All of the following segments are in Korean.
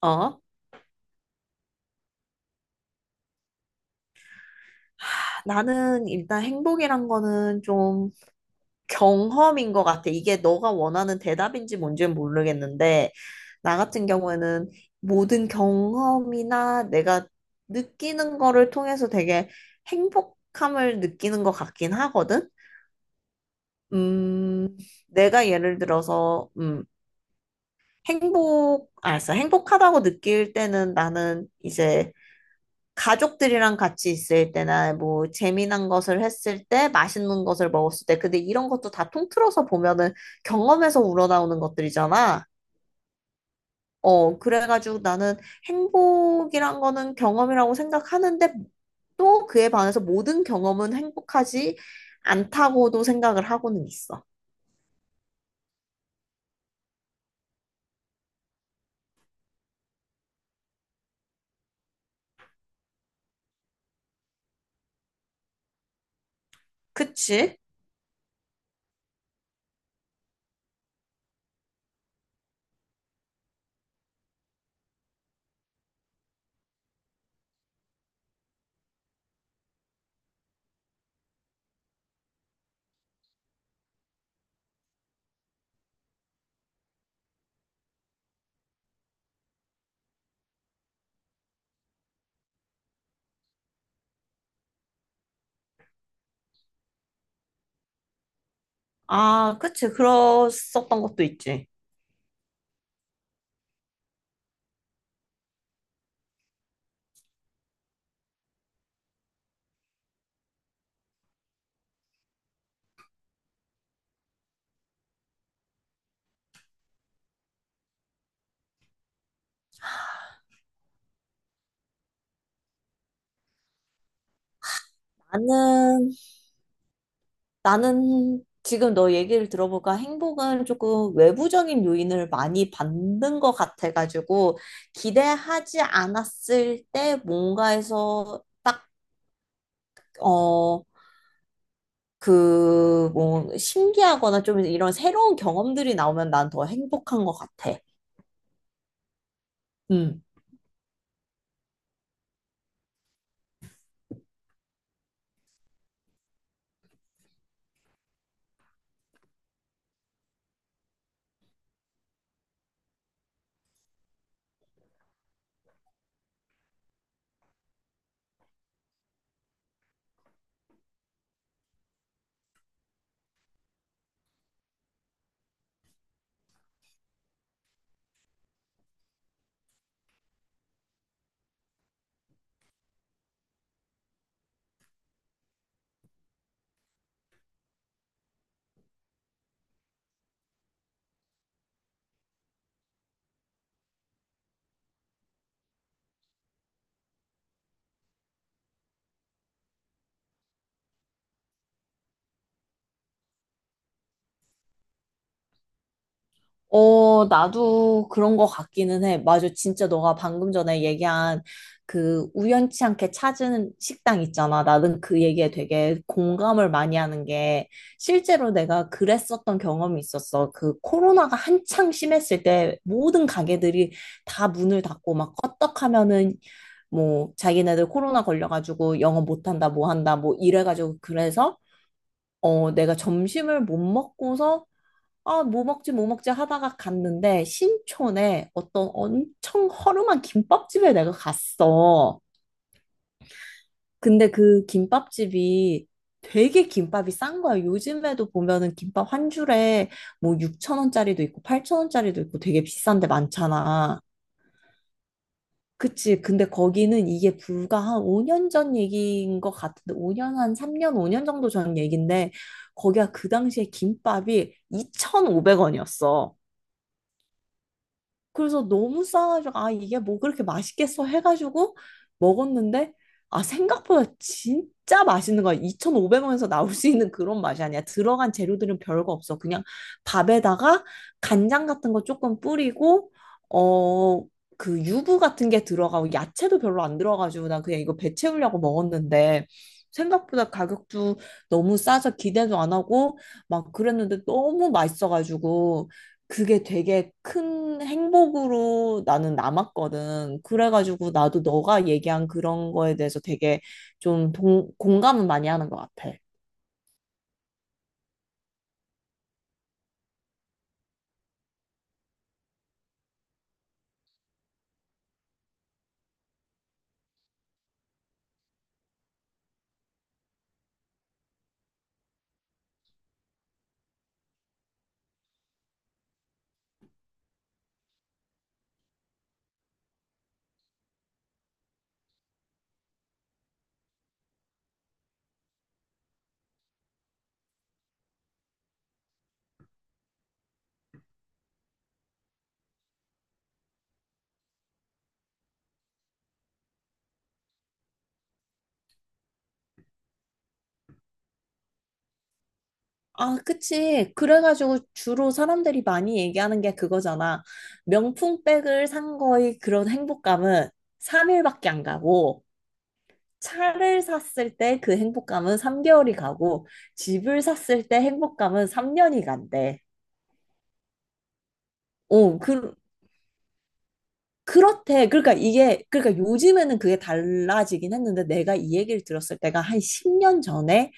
어? 하, 나는 일단 행복이란 거는 좀 경험인 것 같아. 이게 너가 원하는 대답인지 뭔지는 모르겠는데, 나 같은 경우에는 모든 경험이나 내가 느끼는 거를 통해서 되게 행복함을 느끼는 것 같긴 하거든? 음, 내가 예를 들어서, 아, 알았어. 행복하다고 느낄 때는 나는 이제 가족들이랑 같이 있을 때나 뭐 재미난 것을 했을 때, 맛있는 것을 먹었을 때, 근데 이런 것도 다 통틀어서 보면은 경험에서 우러나오는 것들이잖아. 그래가지고 나는 행복이란 거는 경험이라고 생각하는데 또 그에 반해서 모든 경험은 행복하지 않다고도 생각을 하고는 있어. 그치? 아, 그치. 그랬었던 것도 있지. 나는 나는 지금 너 얘기를 들어보니까 행복은 조금 외부적인 요인을 많이 받는 것 같아가지고 기대하지 않았을 때 뭔가에서 어, 뭐, 신기하거나 좀 이런 새로운 경험들이 나오면 난 더 행복한 것 같아. 음. 어, 나도 그런 거 같기는 해. 맞아. 진짜 너가 방금 전에 얘기한 그 우연치 않게 찾은 식당 있잖아. 나는 그 얘기에 되게 공감을 많이 하는 게 실제로 내가 그랬었던 경험이 있었어. 그 코로나가 한창 심했을 때 모든 가게들이 다 문을 닫고 막 껐떡하면은 뭐 자기네들 코로나 걸려가지고 영업 못한다, 뭐 한다, 뭐 이래가지고 그래서 내가 점심을 못 먹고서 아, 뭐 먹지, 뭐 먹지 하다가 갔는데, 신촌에 어떤 엄청 허름한 김밥집에 내가 갔어. 근데 그 김밥집이 되게 김밥이 싼 거야. 요즘에도 보면은 김밥 한 줄에 뭐 6천원짜리도 있고 8천원짜리도 있고 되게 비싼데 많잖아. 그치. 근데 거기는 이게 불과 한 5년 전 얘기인 것 같은데, 5년, 한 3년, 5년 정도 전 얘기인데, 거기가 그 당시에 김밥이 2,500원이었어. 그래서 너무 싸가지고 아 이게 뭐 그렇게 맛있겠어 해가지고 먹었는데 아 생각보다 진짜 맛있는 거야. 2,500원에서 나올 수 있는 그런 맛이 아니야. 들어간 재료들은 별거 없어. 그냥 밥에다가 간장 같은 거 조금 뿌리고 어 그 유부 같은 게 들어가고 야채도 별로 안 들어가지고 난 그냥 이거 배 채우려고 먹었는데 생각보다 가격도 너무 싸서 기대도 안 하고 막 그랬는데 너무 맛있어가지고 그게 되게 큰 행복으로 나는 남았거든. 그래가지고 나도 너가 얘기한 그런 거에 대해서 되게 좀 공감은 많이 하는 것 같아. 아, 그치. 그래가지고 주로 사람들이 많이 얘기하는 게 그거잖아. 명품백을 산 거의 그런 행복감은 3일밖에 안 가고, 차를 샀을 때 그 행복감은 3개월이 가고, 집을 샀을 때 행복감은 3년이 간대. 어, 그렇대. 그러니까 이게, 그러니까 요즘에는 그게 달라지긴 했는데 내가 이 얘기를 들었을 때가 한 10년 전에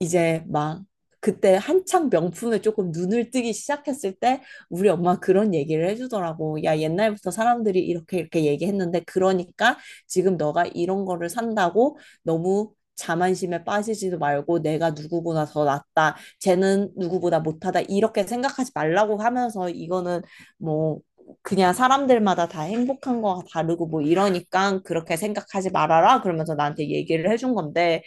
이제 막 그때 한창 명품에 조금 눈을 뜨기 시작했을 때 우리 엄마 그런 얘기를 해주더라고. 야, 옛날부터 사람들이 이렇게 이렇게 얘기했는데 그러니까 지금 너가 이런 거를 산다고 너무 자만심에 빠지지도 말고 내가 누구보다 더 낫다. 쟤는 누구보다 못하다. 이렇게 생각하지 말라고 하면서 이거는 뭐 그냥 사람들마다 다 행복한 거가 다르고 뭐 이러니까 그렇게 생각하지 말아라. 그러면서 나한테 얘기를 해준 건데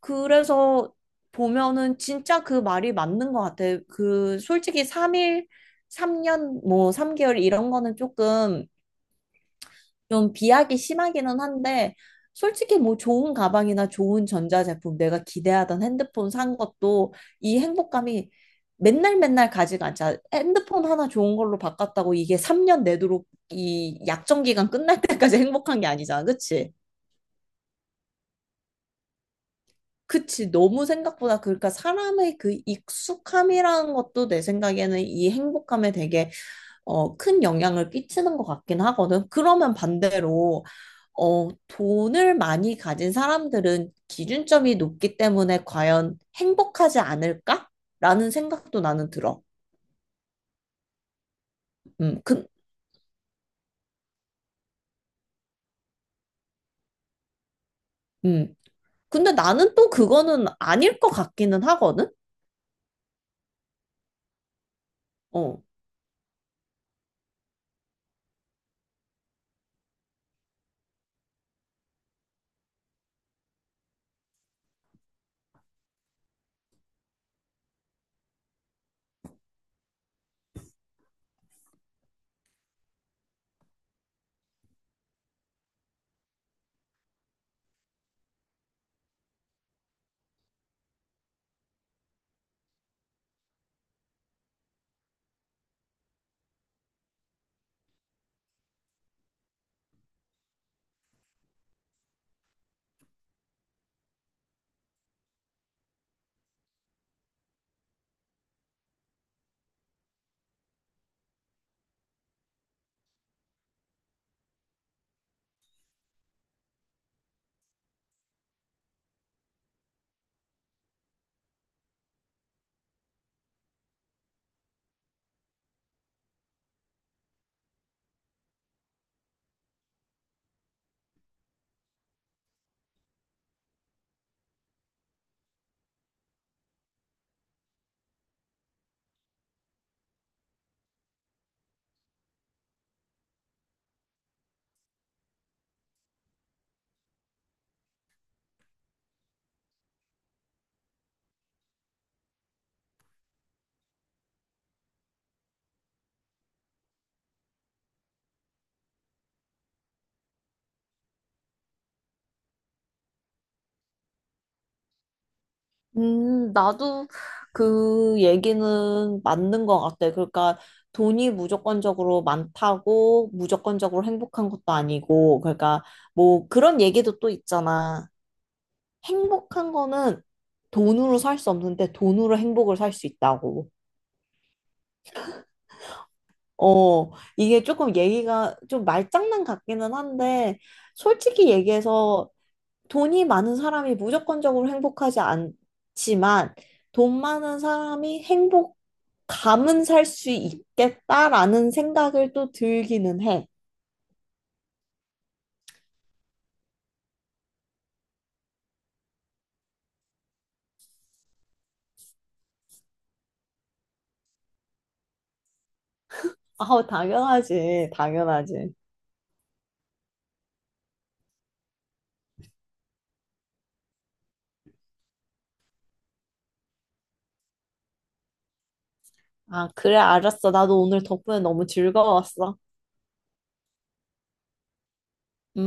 그래서 보면은 진짜 그 말이 맞는 것 같아. 그 솔직히 3일, 3년, 뭐 3개월 이런 거는 조금 좀 비약이 심하기는 한데 솔직히 뭐 좋은 가방이나 좋은 전자제품 내가 기대하던 핸드폰 산 것도 이 행복감이 맨날 맨날 가지가 않잖아. 핸드폰 하나 좋은 걸로 바꿨다고 이게 3년 내도록 이 약정 기간 끝날 때까지 행복한 게 아니잖아. 그치? 그치, 너무 생각보다, 그러니까 사람의 그 익숙함이라는 것도 내 생각에는 이 행복함에 되게 큰 영향을 끼치는 것 같긴 하거든. 그러면 반대로, 돈을 많이 가진 사람들은 기준점이 높기 때문에 과연 행복하지 않을까? 라는 생각도 나는 들어. 음, 그, 음. 근데 나는 또 그거는 아닐 것 같기는 하거든? 어. 나도 그 얘기는 맞는 것 같아. 그러니까 돈이 무조건적으로 많다고 무조건적으로 행복한 것도 아니고, 그러니까 뭐 그런 얘기도 또 있잖아. 행복한 거는 돈으로 살 수 없는데 돈으로 행복을 살 수 있다고. 어, 이게 조금 얘기가 좀 말장난 같기는 한데, 솔직히 얘기해서 돈이 많은 사람이 무조건적으로 행복하지 않지만 돈 많은 사람이 행복감은 살 수 있겠다라는 생각을 또 들기는 해. 아우, 당연하지. 당연하지. 아, 그래, 알았어. 나도 오늘 덕분에 너무 즐거웠어. 음.